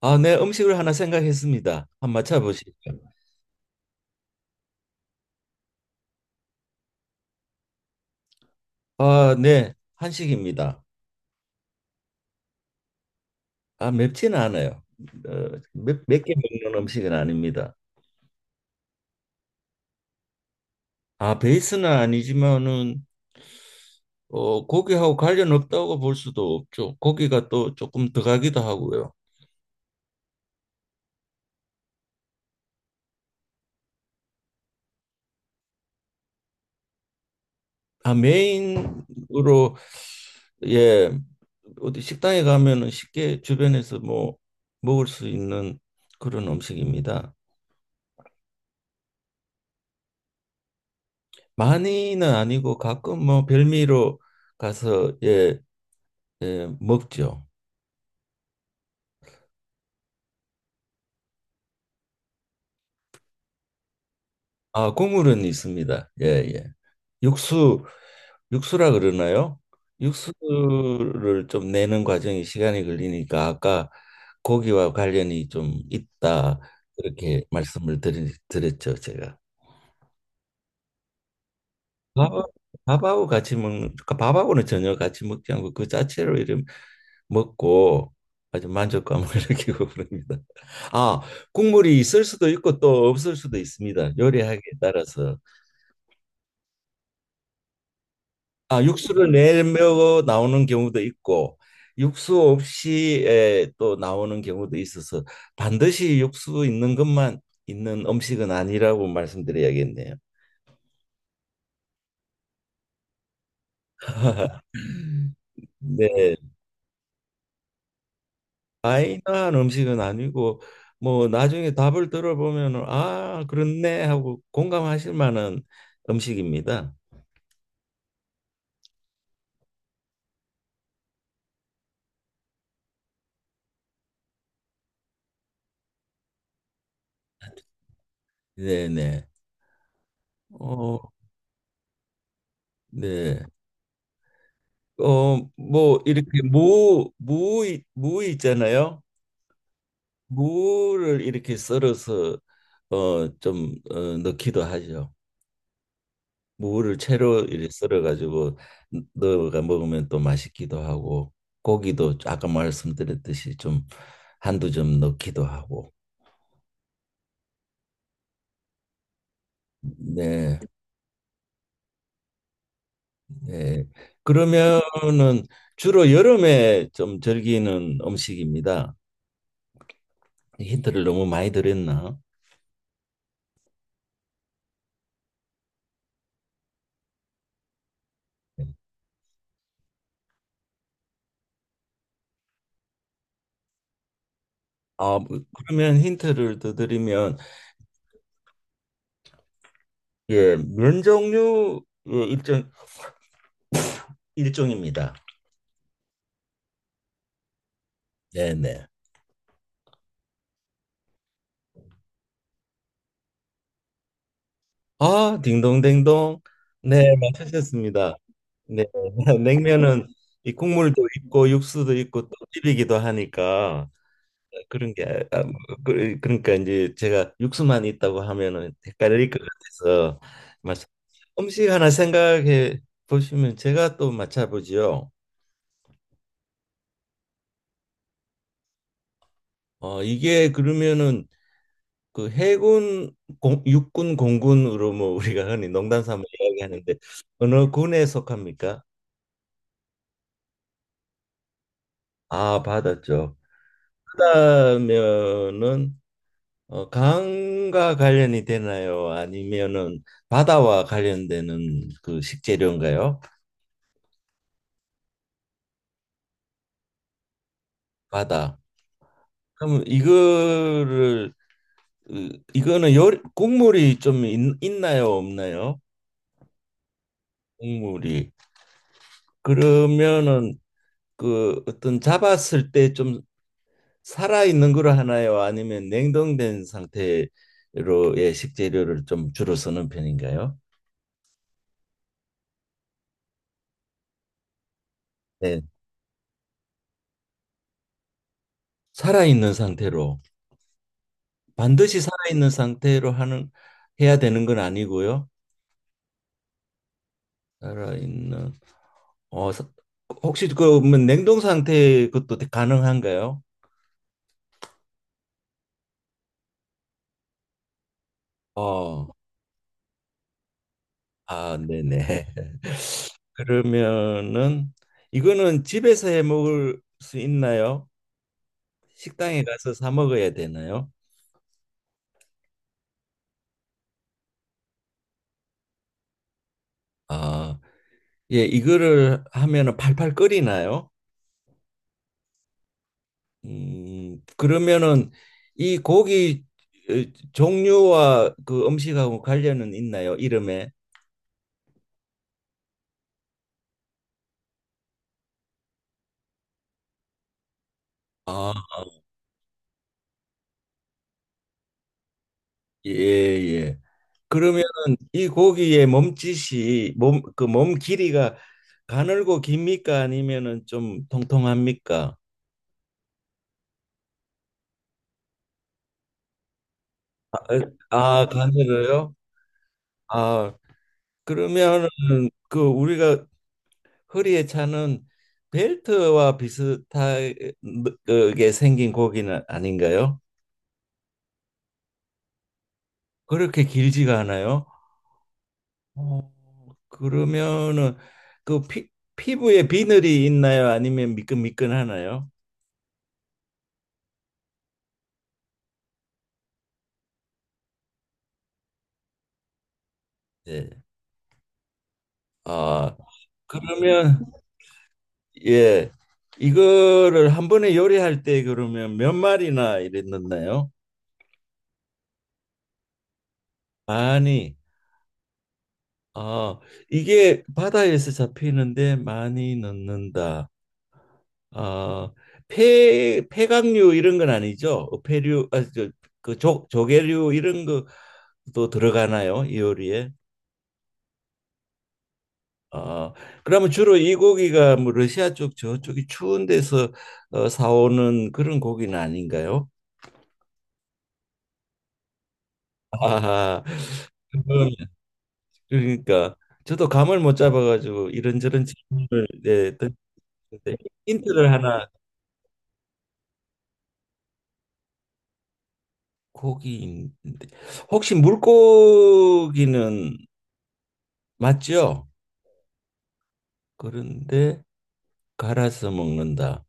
아, 네, 음식을 하나 생각했습니다. 한번 맞춰보시죠. 아, 네, 한식입니다. 아, 맵지는 않아요. 몇 개 먹는 음식은 아닙니다. 아, 베이스는 아니지만은 고기하고 관련 없다고 볼 수도 없죠. 고기가 또 조금 들어가기도 하고요. 아, 메인으로 예, 어디 식당에 가면은 쉽게 주변에서 뭐 먹을 수 있는 그런 음식입니다. 많이는 아니고 가끔 뭐 별미로 가서 예, 예 먹죠. 아, 국물은 있습니다. 예, 예. 육수 육수라 그러나요? 육수를 좀 내는 과정이 시간이 걸리니까 아까 고기와 관련이 좀 있다 그렇게 말씀을 드렸죠, 제가. 밥하- 밥하고 같이 먹는, 그러니까 밥하고는 전혀 같이 먹지 않고 그 자체로 이런 먹고 아주 만족감을 느끼고 그럽니다. 아, 국물이 있을 수도 있고 또 없을 수도 있습니다. 요리하기에 따라서. 아, 육수를 내며 나오는 경우도 있고 육수 없이 에, 또 나오는 경우도 있어서 반드시 육수 있는 것만 있는 음식은 아니라고 말씀드려야겠네요. 네, 마이너한 음식은 아니고 뭐 나중에 답을 들어보면 아, 그렇네 하고 공감하실 만한 음식입니다. 네네. 어, 네. 뭐 이렇게 무 있잖아요. 무를 이렇게 썰어서 좀 넣기도 하죠. 무를 채로 이렇게 썰어가지고 넣어가 먹으면 또 맛있기도 하고 고기도 아까 말씀드렸듯이 좀 한두 점 넣기도 하고. 네, 네. 그러면은 주로 여름에 좀 즐기는 음식입니다. 힌트를 너무 많이 드렸나? 아, 뭐, 그러면 힌트를 더 드리면 예, 면 종류 예, 일종 일종입니다. 네, 네. 아, 딩동댕동. 네, 맞추셨습니다. 네, 냉면은 이 국물도 있고 육수도 있고 또 비비기도 하니까 그런 게 아, 뭐, 그러니까 이제 제가 육수만 있다고 하면은 헷갈릴 것 같아서 맞 음식 하나 생각해 보시면 제가 또 맞춰보지요. 어, 이게 그러면은 그 해군, 공, 육군, 공군으로 뭐 우리가 흔히 농담 삼아 이야기하는데 어느 군에 속합니까? 아, 받았죠. 그러면은 어, 강과 관련이 되나요? 아니면은 바다와 관련되는 그 식재료인가요? 바다. 그럼 이거를 으, 이거는 요 국물이 좀 있나요? 없나요? 국물이. 그러면은 그 어떤 잡았을 때좀 살아 있는 걸 하나요? 아니면 냉동된 상태로의 식재료를 좀 주로 쓰는 편인가요? 네. 살아 있는 상태로 반드시 살아 있는 상태로 하는 해야 되는 건 아니고요. 살아 있는 어 사- 혹시 그뭐 냉동 상태 그것도 가능한가요? 어. 아, 네네. 그러면은 이거는 집에서 해 먹을 수 있나요? 식당에 가서 사 먹어야 되나요? 아. 예, 이거를 하면은 팔팔 끓이나요? 그러면은 이 고기 어, 종류와 그 음식하고 관련은 있나요? 이름에? 아, 예, 예. 그러면은 이 고기의 몸짓이 몸, 그 몸 길이가 가늘고 깁니까? 아니면은 좀 통통합니까? 아, 아, 가늘어요? 아, 그러면은 그 우리가 허리에 차는 벨트와 비슷하게 생긴 고기는 아닌가요? 그렇게 길지가 않아요? 어, 그러면은 그 피, 피부에 비늘이 있나요? 아니면 미끈미끈하나요? 예. 아, 그러면 예. 이거를 한 번에 요리할 때 그러면 몇 마리나 이래 넣나요? 많이. 아, 이게 바다에서 잡히는데 많이 넣는다. 아, 폐 폐각류 이런 건 아니죠? 폐류 아, 저, 조개류 이런 것도 들어가나요? 이 요리에? 아, 그러면 주로 이 고기가 뭐 러시아 쪽 저쪽이 추운 데서 사오는 그런 고기는 아닌가요? 아하. 그건 그러니까 저도 감을 못 잡아가지고 이런저런 질문을 네, 던데 힌트를 하나 고기인데 혹시 물고기는 맞죠? 그런데 갈아서 먹는다.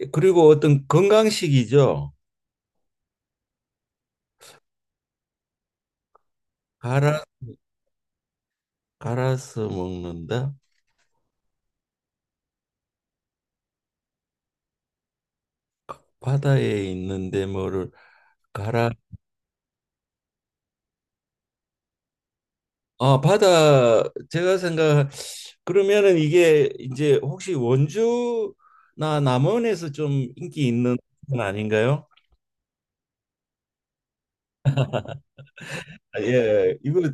예, 그리고 어떤 건강식이죠. 갈아 갈아서 먹는다. 바다에 있는데 뭐를 갈아 아 바다 제가 생각 그러면은 이게 이제 혹시 원주나 남원에서 좀 인기 있는 건 아닌가요? 아, 예 예. 이거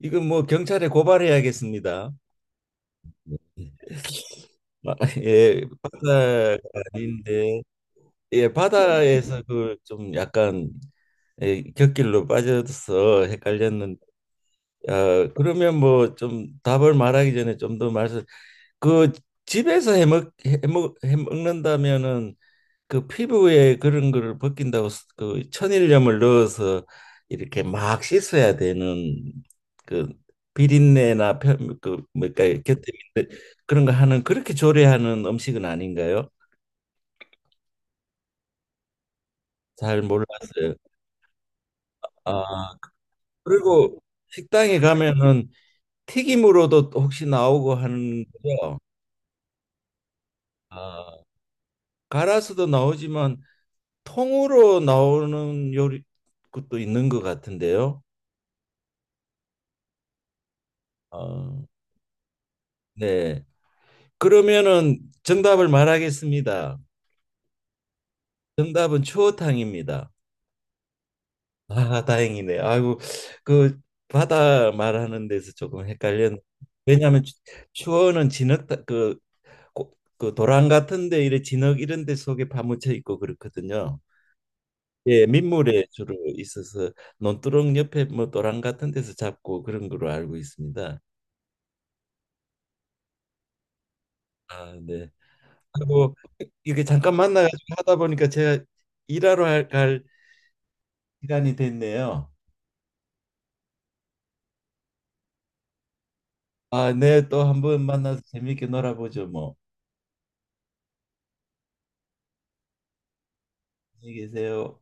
이거 뭐 경찰에 고발해야겠습니다. 아, 예 바다가 아닌데 예, 바다에서 그 좀 약간 예, 곁길로 빠져서 헷갈렸는데 아, 그러면 뭐 좀 답을 말하기 전에 좀 더 말씀 그 집에서 해먹는다면은 그 피부에 그런 거를 벗긴다고 그 천일염을 넣어서 이렇게 막 씻어야 되는 그 비린내나 편, 그 뭐랄까 곁에 있는 그런 거 하는 그렇게 조리하는 음식은 아닌가요? 잘 몰랐어요. 아 그리고 식당에 가면은 튀김으로도 혹시 나오고 하는 아. 갈아서도 나오지만 통으로 나오는 요리 것도 있는 것 같은데요. 어, 네. 그러면은 정답을 말하겠습니다. 정답은 추어탕입니다. 아, 다행이네. 아이고, 그 바다 말하는 데서 조금 헷갈렸는데 왜냐하면 추어는 진흙 그, 그 도랑 같은데 이래 진흙 이런 데 속에 파묻혀 있고 그렇거든요. 예, 민물에 주로 있어서 논두렁 옆에 뭐 도랑 같은 데서 잡고 그런 걸로 알고 있습니다. 아, 네. 그리고 이게 잠깐 만나가지고 하다 보니까 제가 일하러 갈 시간이 됐네요. 아, 네, 또 한번 만나서 재밌게 놀아보죠, 뭐. 안녕히 계세요.